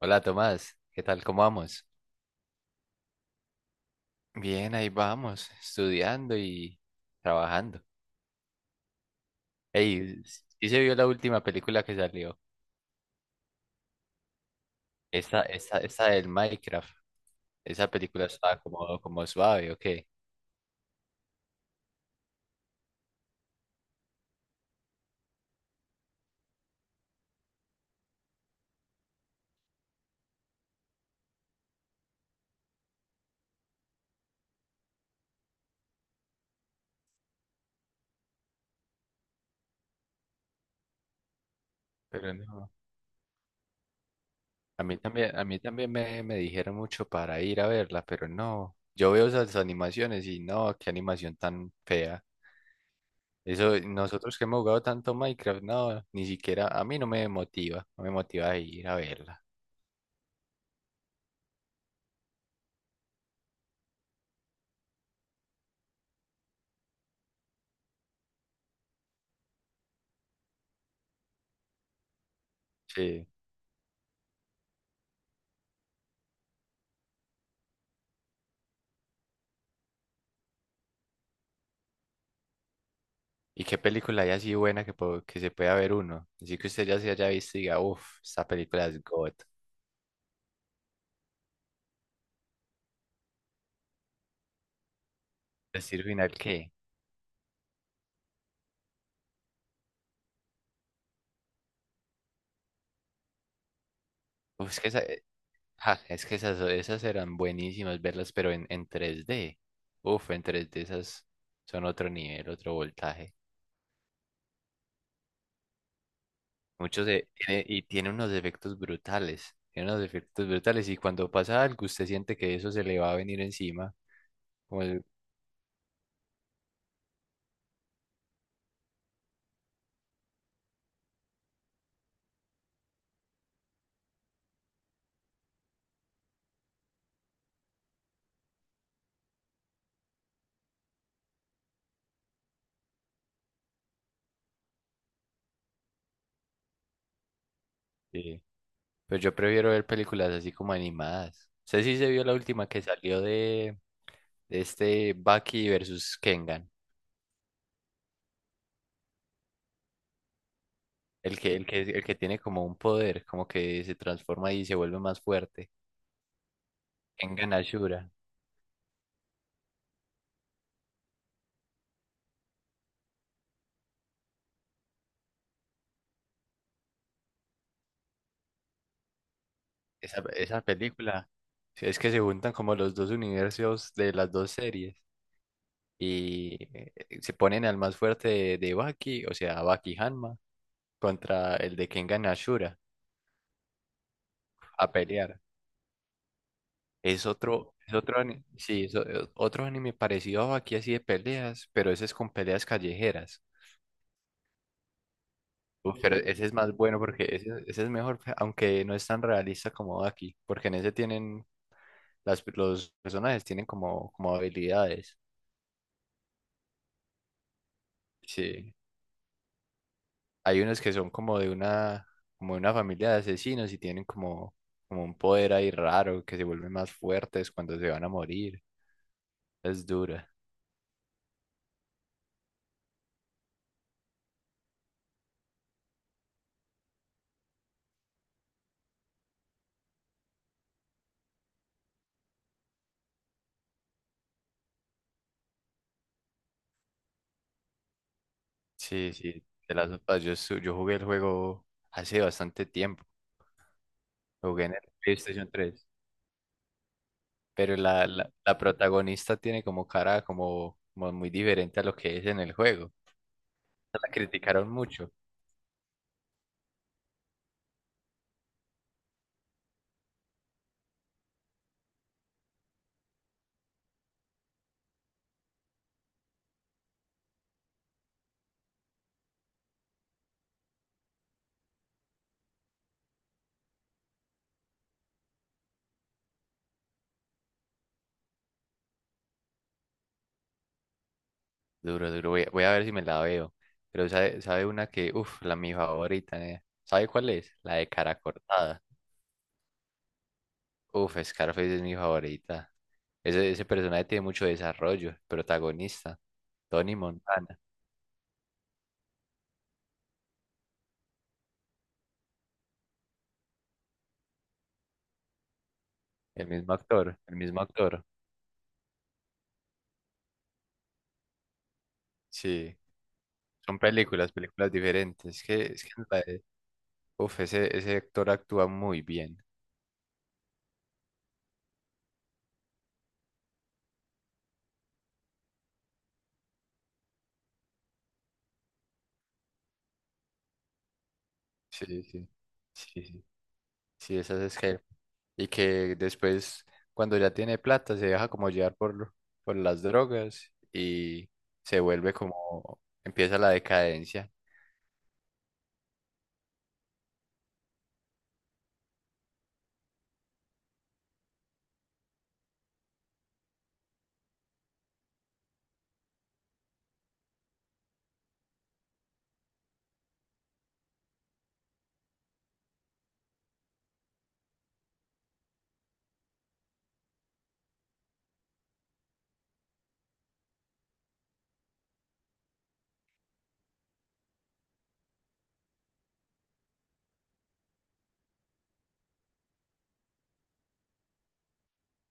Hola Tomás, ¿qué tal? ¿Cómo vamos? Bien, ahí vamos, estudiando y trabajando. Ey, ¿sí se vio la última película que salió? Esa del Minecraft. Esa película estaba como, suave, ¿o qué? Pero no. A mí también me dijeron mucho para ir a verla, pero no. Yo veo esas animaciones y no, qué animación tan fea. Eso, nosotros que hemos jugado tanto Minecraft, no, ni siquiera, a mí no me motiva, no me motiva a ir a verla. Sí. ¿Y qué película hay así buena que se pueda ver uno? Así que usted ya se haya visto y diga, uff, esta película es God. Destino Final, ¿qué? Uf, es que esas eran buenísimas verlas, pero en, tres d. Uf, en tres d esas son otro nivel, otro voltaje. Y tiene unos efectos brutales. Tiene unos efectos brutales y cuando pasa algo usted siente que eso se le va a venir encima. Como el- eh, pero yo prefiero ver películas así como animadas. Sé si se vio la última que salió de... Este Baki versus Kengan. El que tiene como un poder, como que se transforma y se vuelve más fuerte. Kengan Ashura. Esa película. Sí, es que se juntan como los dos universos de las dos series. Y se ponen al más fuerte de, Baki, o sea, Baki Hanma, contra el de Kengan Ashura a pelear. Es otro, ani- sí, es o- Otro anime parecido a Baki así de peleas, pero ese es con peleas callejeras. Uf, pero ese es más bueno porque ese es mejor, aunque no es tan realista como aquí, porque en ese tienen, las, los personajes tienen como, como habilidades. Sí, hay unos que son como de una familia de asesinos y tienen como, como un poder ahí raro que se vuelven más fuertes cuando se van a morir. Es dura. Sí, sí, de las otras, yo, yo jugué el juego hace bastante tiempo, lo jugué en el PlayStation 3. Pero la protagonista tiene como cara como, como muy diferente a lo que es en el juego. La criticaron mucho. Duro, duro. Voy a ver si me la veo. Pero sabe, sabe una que, uff, la mi favorita, eh. ¿Sabe cuál es? La de cara cortada. Uff, Scarface es mi favorita. Ese personaje tiene mucho desarrollo. El protagonista. Tony Montana. El mismo actor. El mismo actor. Sí. Son películas, películas diferentes. Es que la de- uf, ese actor actúa muy bien. Sí, sí, sí, sí, sí, esas es que, y que después cuando ya tiene plata se deja como llevar por, las drogas y se vuelve como, empieza la decadencia.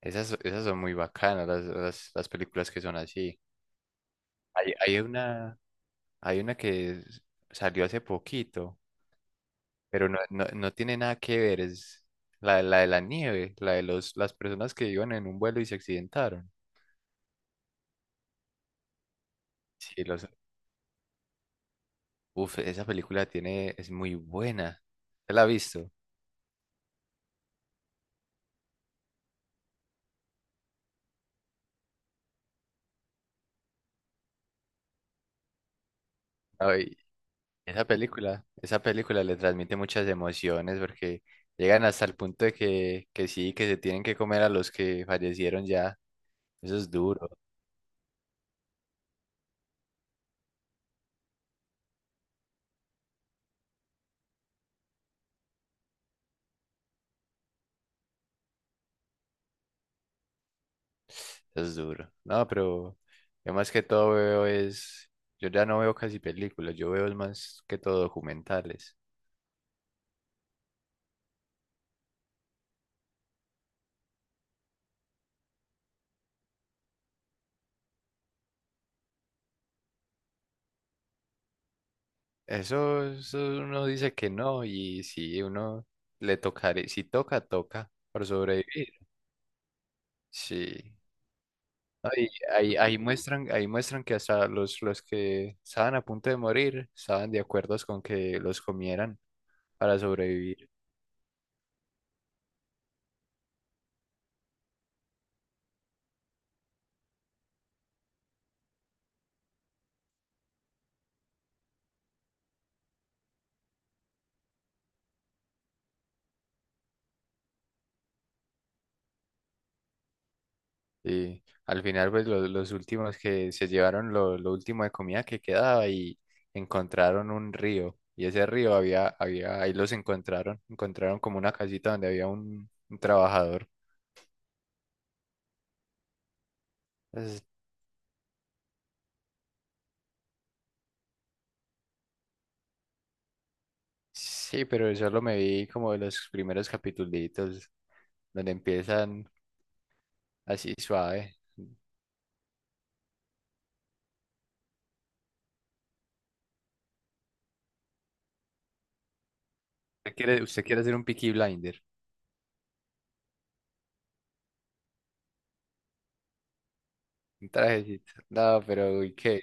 Esas son muy bacanas, las películas que son así. Hay, hay una que salió hace poquito, pero no, no, no tiene nada que ver, es la de la nieve, la de los, las personas que iban en un vuelo y se accidentaron. Sí, los. Uf, esa película tiene, es muy buena. ¿Te la has visto? Ay, esa película le transmite muchas emociones porque llegan hasta el punto de que sí, que se tienen que comer a los que fallecieron ya. Eso es duro, eso es duro. No, pero yo más que todo veo es, yo ya no veo casi películas, yo veo es más que todo documentales. Eso uno dice que no y si uno le tocaré, si toca, toca por sobrevivir. Sí. Ahí, ahí muestran, ahí muestran que hasta los que estaban a punto de morir estaban de acuerdo con que los comieran para sobrevivir. Y al final, pues los últimos que se llevaron lo último de comida que quedaba y encontraron un río. Y ese río había, había, ahí los encontraron, encontraron como una casita donde había un trabajador. Es- sí, pero solo me vi como de los primeros capitulitos donde empiezan así suave. Usted quiere hacer un Peaky Blinder, un trajecito. No, pero uy, qué.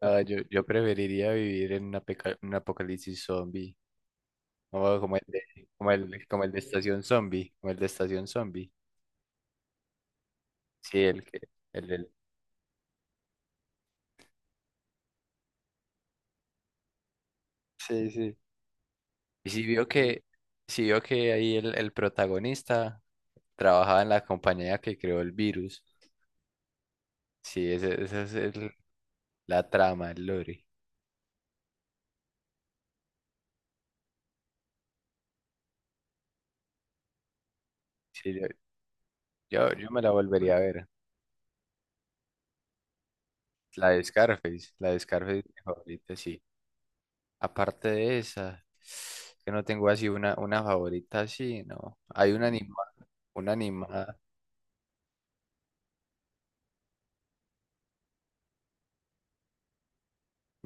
No, yo preferiría vivir en un apocalipsis zombie. Como, como el de Estación Zombie. Como el de Estación Zombie. Sí, el que. El, del- Sí, sí. Y si vio que, si vio que ahí el protagonista trabajaba en la compañía que creó el virus. Sí, esa es la trama, el lore. Sí, yo me la volvería a ver. La de Scarface es mi favorita, sí. Aparte de esa, que no tengo así una favorita así, ¿no? Hay una animada, una animada.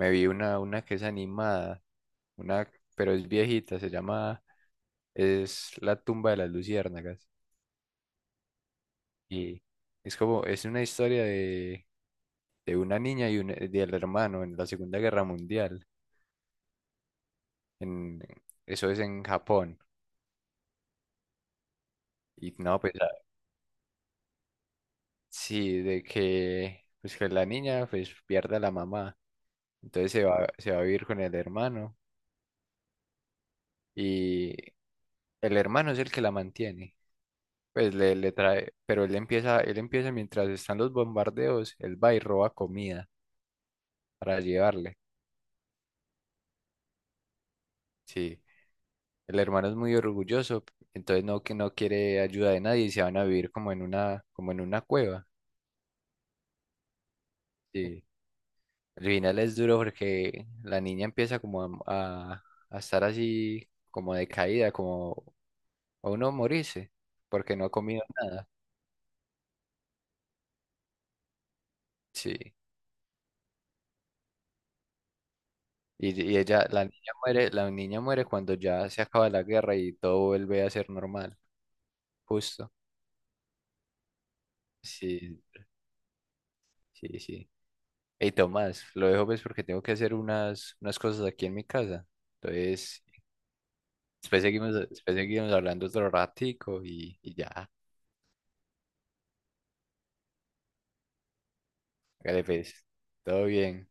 Me vi una que es animada, una, pero es viejita, se llama, es La Tumba de las Luciérnagas. Y es como, es una historia de una niña y un, del hermano en la Segunda Guerra Mundial. En, eso es en Japón. Y no, sí, de que, pues que la niña pues pierde a la mamá. Entonces se va a vivir con el hermano y el hermano es el que la mantiene. Pues le trae, pero él empieza mientras están los bombardeos, él va y roba comida para llevarle. Sí, el hermano es muy orgulloso, entonces no, que no quiere ayuda de nadie y se van a vivir como en una cueva. Sí. Al final es duro porque la niña empieza como a estar así como decaída, como a uno morirse, porque no ha comido nada. Sí. Y ella, la niña muere cuando ya se acaba la guerra y todo vuelve a ser normal, justo. Sí, sí, sí. Hey, Tomás, lo dejo pues porque tengo que hacer unas cosas aquí en mi casa. Entonces, después seguimos hablando otro ratico y ya. Hágale pues. Todo bien.